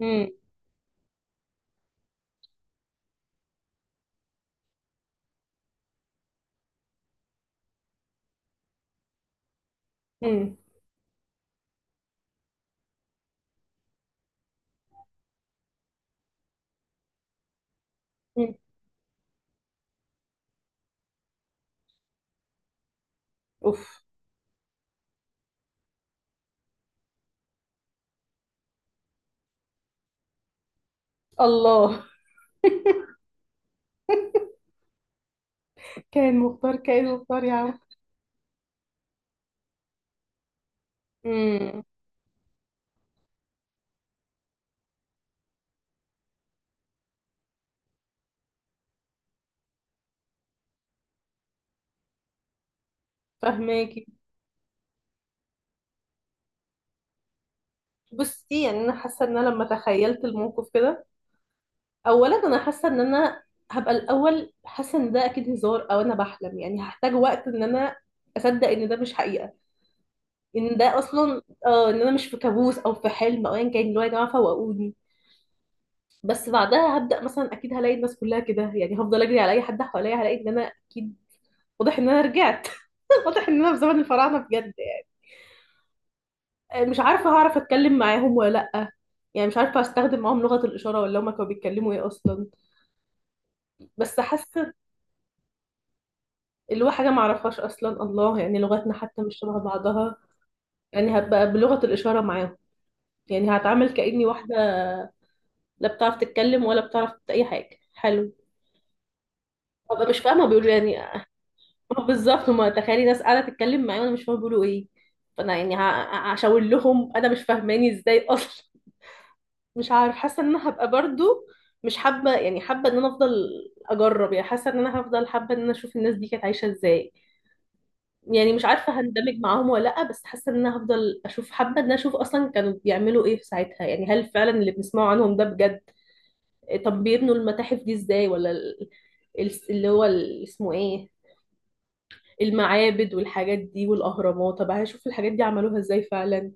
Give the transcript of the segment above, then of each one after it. مم. مم. مم. اوف. الله. كائن مختار كائن مختار يا عم. امم فهماكي. بصي، يعني انا حاسه ان انا لما تخيلت الموقف كده، اولا انا حاسه ان انا هبقى الاول حاسه ان ده اكيد هزار او انا بحلم. يعني هحتاج وقت ان انا اصدق ان ده مش حقيقه، ان ده اصلا ان انا مش في كابوس او في حلم او ايا كان. اللي هو يا جماعه فوقوني. بس بعدها هبدا مثلا اكيد هلاقي الناس كلها كده، يعني هفضل اجري على اي حد حواليا هلاقي ان انا اكيد واضح ان انا رجعت، واضح ان انا في زمن الفراعنه بجد. يعني مش عارفه هعرف اتكلم معاهم ولا لا. يعني مش عارفه استخدم معاهم لغه الاشاره، ولا هما كانوا بيتكلموا ايه اصلا. بس حاسه اللي هو حاجه ما اعرفهاش اصلا، الله، يعني لغتنا حتى مش شبه بعضها. يعني هبقى بلغه الاشاره معاهم، يعني هتعامل كاني واحده لا بتعرف تتكلم ولا بتعرف اي حاجه. حلو. هبقى مش فاهمه بيقولوا يعني آه بالظبط. هما تخيلي ناس قاعده تتكلم معايا وانا مش فاهمه بيقولوا ايه. فانا يعني هشاور لهم انا مش فاهماني ازاي اصلا. مش عارف، حاسه ان انا هبقى برضو مش حابه، يعني حابه ان انا افضل اجرب. يعني حاسه ان انا هفضل حابه ان انا اشوف الناس دي كانت عايشه ازاي. يعني مش عارفه هندمج معاهم ولا لا، بس حاسه ان انا هفضل اشوف. حابه ان انا اشوف اصلا كانوا بيعملوا ايه في ساعتها. يعني هل فعلا اللي بنسمعه عنهم ده بجد؟ طب بيبنوا المتاحف دي ازاي؟ ولا اللي هو اسمه ايه، المعابد والحاجات دي والاهرامات. طب هشوف الحاجات دي عملوها ازاي فعلا.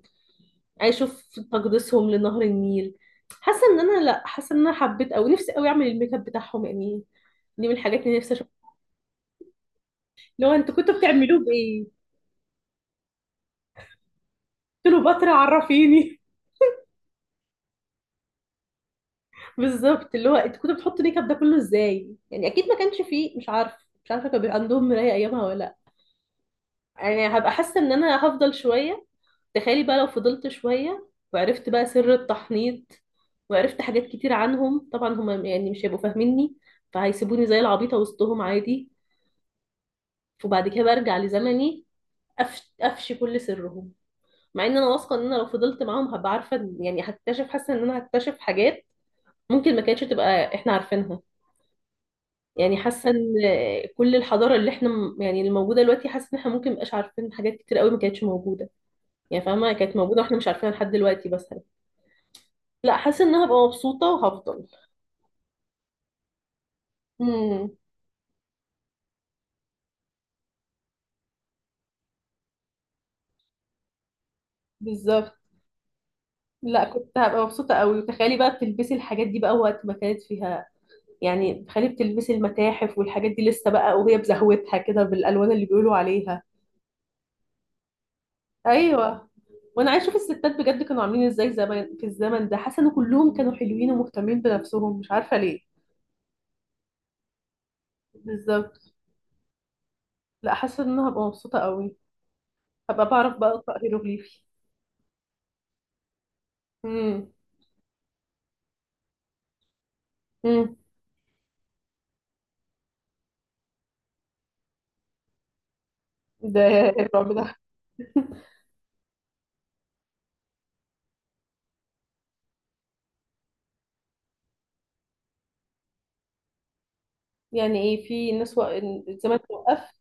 عايشوا في تقديسهم لنهر النيل. حاسه ان انا، لا، حاسه ان انا حبيت او نفسي قوي اعمل الميك اب بتاعهم. يعني دي من الحاجات اللي نفسي اشوفها. اللي هو انتوا كنتوا بتعملوه بايه؟ كليوباترا عرفيني. بالظبط، اللي هو انتوا كنتوا بتحطوا الميك اب ده كله ازاي؟ يعني اكيد ما كانش فيه، مش عارف، مش عارفه كان بيبقى عندهم مرايه ايامها ولا لا. يعني هبقى حاسه ان انا هفضل شويه. تخيلي بقى لو فضلت شويه وعرفت بقى سر التحنيط وعرفت حاجات كتير عنهم. طبعا هم يعني مش هيبقوا فاهميني فهيسيبوني زي العبيطه وسطهم عادي، وبعد كده برجع لزمني أفشي كل سرهم. مع ان انا واثقه ان انا لو فضلت معاهم هبقى عارفه يعني هكتشف، حاسه ان انا هكتشف حاجات ممكن ما كانتش تبقى احنا عارفينها. يعني حاسه ان كل الحضاره اللي احنا يعني اللي موجوده دلوقتي. حاسه ان احنا ممكن مبقاش عارفين حاجات كتير قوي ما كانتش موجوده. يعني فاهمه كانت موجوده واحنا مش عارفينها لحد دلوقتي مثلا. لا، حاسه ان انا هبقى مبسوطه وهفضل. امم بالظبط. لا، كنت هبقى مبسوطه قوي. وتخيلي بقى بتلبسي الحاجات دي بقى وقت ما كانت فيها. يعني خليه بتلبسي المتاحف والحاجات دي لسه بقى، وهي بزهوتها كده بالالوان اللي بيقولوا عليها. ايوه. وانا عايز اشوف الستات بجد كانوا عاملين ازاي زمان في الزمن ده. حاسه ان كلهم كانوا حلوين ومهتمين بنفسهم، مش عارفه ليه. بالظبط. لا، حاسه ان انا هبقى مبسوطه قوي، هبقى بعرف بقى اقرا هيروغليفي. امم. امم. ده الرعب ده. يعني ايه؟ في ناس الزمن توقف؟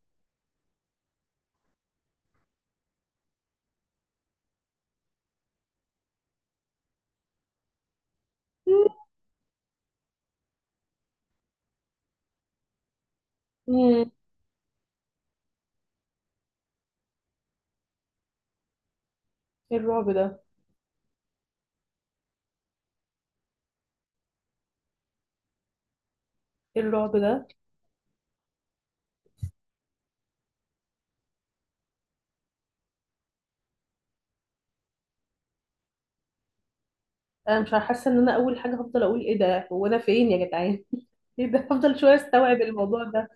امم. الرعب ده. إيه الرعب ده! انا مش حاسه ان انا اول حاجه هفضل اقول ايه ده، هو انا فين يا جدعان؟ ايه ده؟ هفضل شويه استوعب الموضوع ده.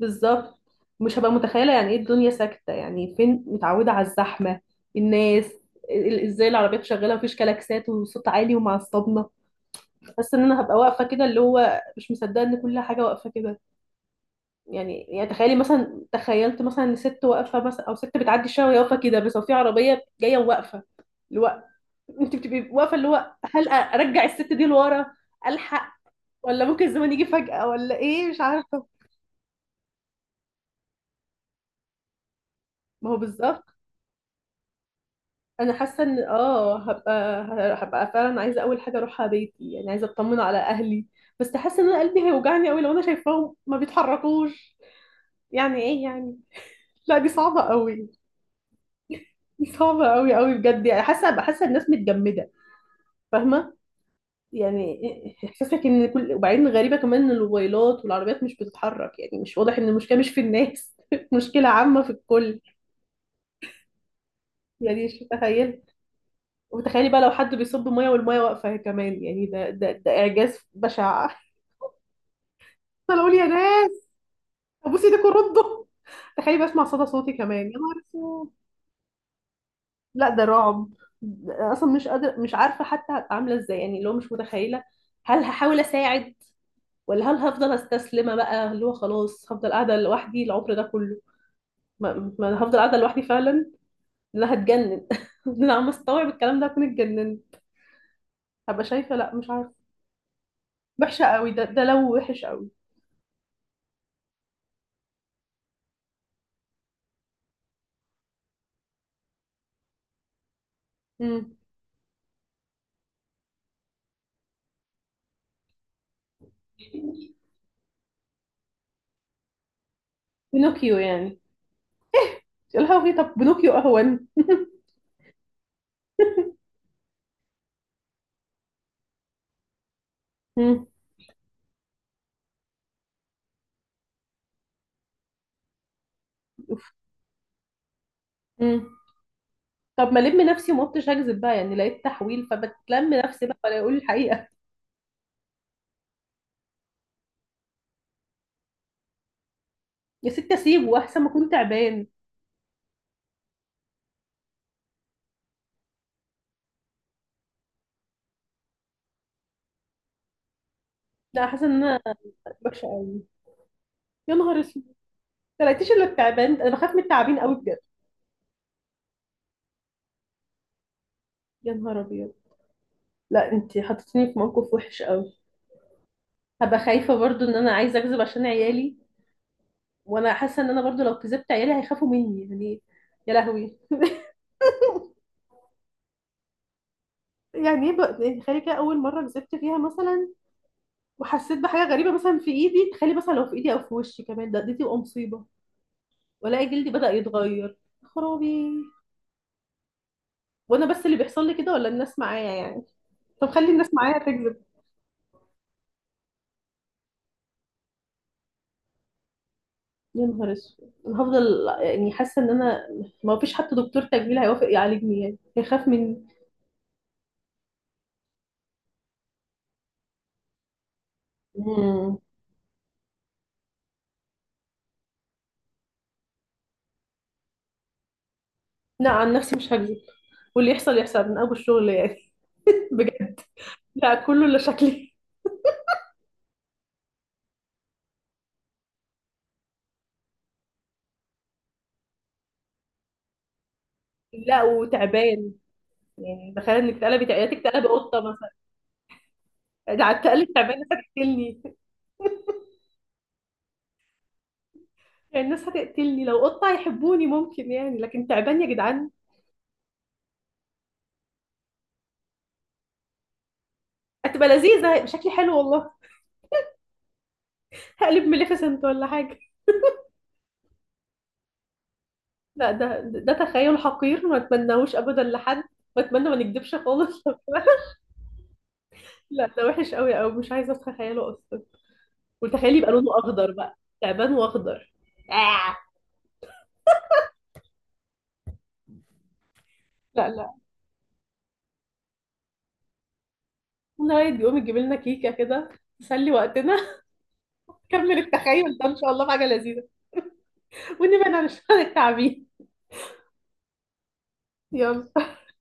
بالظبط. مش هبقى متخيله. يعني ايه الدنيا ساكته؟ يعني فين؟ متعوده على الزحمه، الناس، ازاي العربيات شغاله، مفيش كلاكسات وصوت عالي ومعصبنا. بس ان انا هبقى واقفه كده اللي هو مش مصدقه ان كل حاجه واقفه كده. يعني تخيلي مثلا، تخيلت مثلا ان ست واقفه مثلا، او ست بتعدي الشارع وهي واقفه كده، بس هو في عربيه جايه وواقفه. اللي هو انت بتبقي واقفه اللي هو هل ارجع الست دي لورا؟ الحق؟ ولا ممكن الزمن يجي فجاه؟ ولا ايه؟ مش عارفه. ما هو بالظبط. انا حاسه ان، هبقى فعلا عايزه اول حاجه اروحها بيتي. يعني عايزه اطمن على اهلي، بس حاسه ان انا قلبي هيوجعني قوي لو انا شايفاهم ما بيتحركوش. يعني ايه يعني؟ لا، دي صعبه قوي. دي صعبه قوي قوي بجد. يعني حاسه، حاسه الناس متجمده. فاهمه؟ يعني احساسك ان كل، وبعدين غريبه كمان ان الموبايلات والعربيات مش بتتحرك. يعني مش واضح ان المشكله مش في الناس مشكله عامه في الكل. يعني مش متخيله. وتخيلي بقى لو حد بيصب ميه والميه واقفه كمان. يعني ده اعجاز بشع. انا اقول يا ناس، ابوسي ايدك وردوا. تخيلي بسمع صدى صوتي كمان، يا نهار اسود! لا، ده رعب. ده اصلا مش قادره، مش عارفه حتى هبقى عامله ازاي. يعني اللي هو مش متخيله. هل هحاول اساعد؟ ولا هل هفضل استسلمه بقى اللي هو خلاص هفضل قاعده لوحدي العمر ده كله. ما أنا هفضل قاعده لوحدي فعلا. انا هتجنن. انا عم استوعب الكلام ده هكون اتجننت. هبقى شايفه، لا، مش عارفه. وحشه قوي. ده لو وحش قوي. امم. بنوكيو يعني؟ يا لهوي، طب بنوكيو اهون. امم. أوف. أمم. طب ما الم نفسي، وما قلتش هكذب بقى يعني. لقيت تحويل، فبتلم نفسي بقى ولا اقول الحقيقه. يا ستي اسيبه احسن ما اكون تعبان. لا حاسه ان انا وحشه قوي. يا نهار اسود، ما لقيتيش الا التعبان. انا بخاف من التعابين قوي بجد. يا نهار ابيض. لا، انت حطيتيني في موقف وحش قوي. هبقى خايفه برضو ان انا عايزه اكذب عشان عيالي، وانا حاسه ان انا برضو لو كذبت عيالي هيخافوا مني يعني. يا لهوي. يعني ايه يعني تخيلي كده اول مره كذبت فيها مثلا وحسيت بحاجه غريبه مثلا في ايدي. تخيلي مثلا لو في ايدي او في وشي كمان ده، دي تبقى مصيبه. والاقي جلدي بدأ يتغير، يا خرابي. وانا بس اللي بيحصل لي كده ولا الناس معايا يعني؟ طب خلي الناس معايا تكذب. يا نهار اسود. انا هفضل يعني حاسه ان انا ما فيش حتى دكتور تجميل هيوافق يعالجني يعني، هيخاف مني. مم. لا، عن نفسي مش هكذب، واللي يحصل يحصل من ابو الشغل يعني. بجد. لا كله الا شكلي. لا وتعبان. يعني تخيل انك تقلبي يا تقلبي قطه مثلا. ده على التقلب تعبان الناس هتقتلني. يعني الناس هتقتلني لو قطه هيحبوني ممكن يعني، لكن تعبان يا جدعان. هتبقى لذيذة، شكلي حلو والله. هقلب مليفيسنت ولا حاجة. لا، ده تخيل حقير ما اتمناهوش ابدا لحد. بتمنى ما نكدبش خالص. لا ده وحش قوي قوي، مش عايزة اتخيله اصلا. وتخيلي يبقى لونه اخضر بقى، تعبان واخضر. آه. لا لا. نهاية يقوم يجيب لنا كيكة كده، تسلي وقتنا. نكمل التخيل ده ان شاء الله بحاجة لذيذة، ونبعد عن الشغل التعبين. يلا.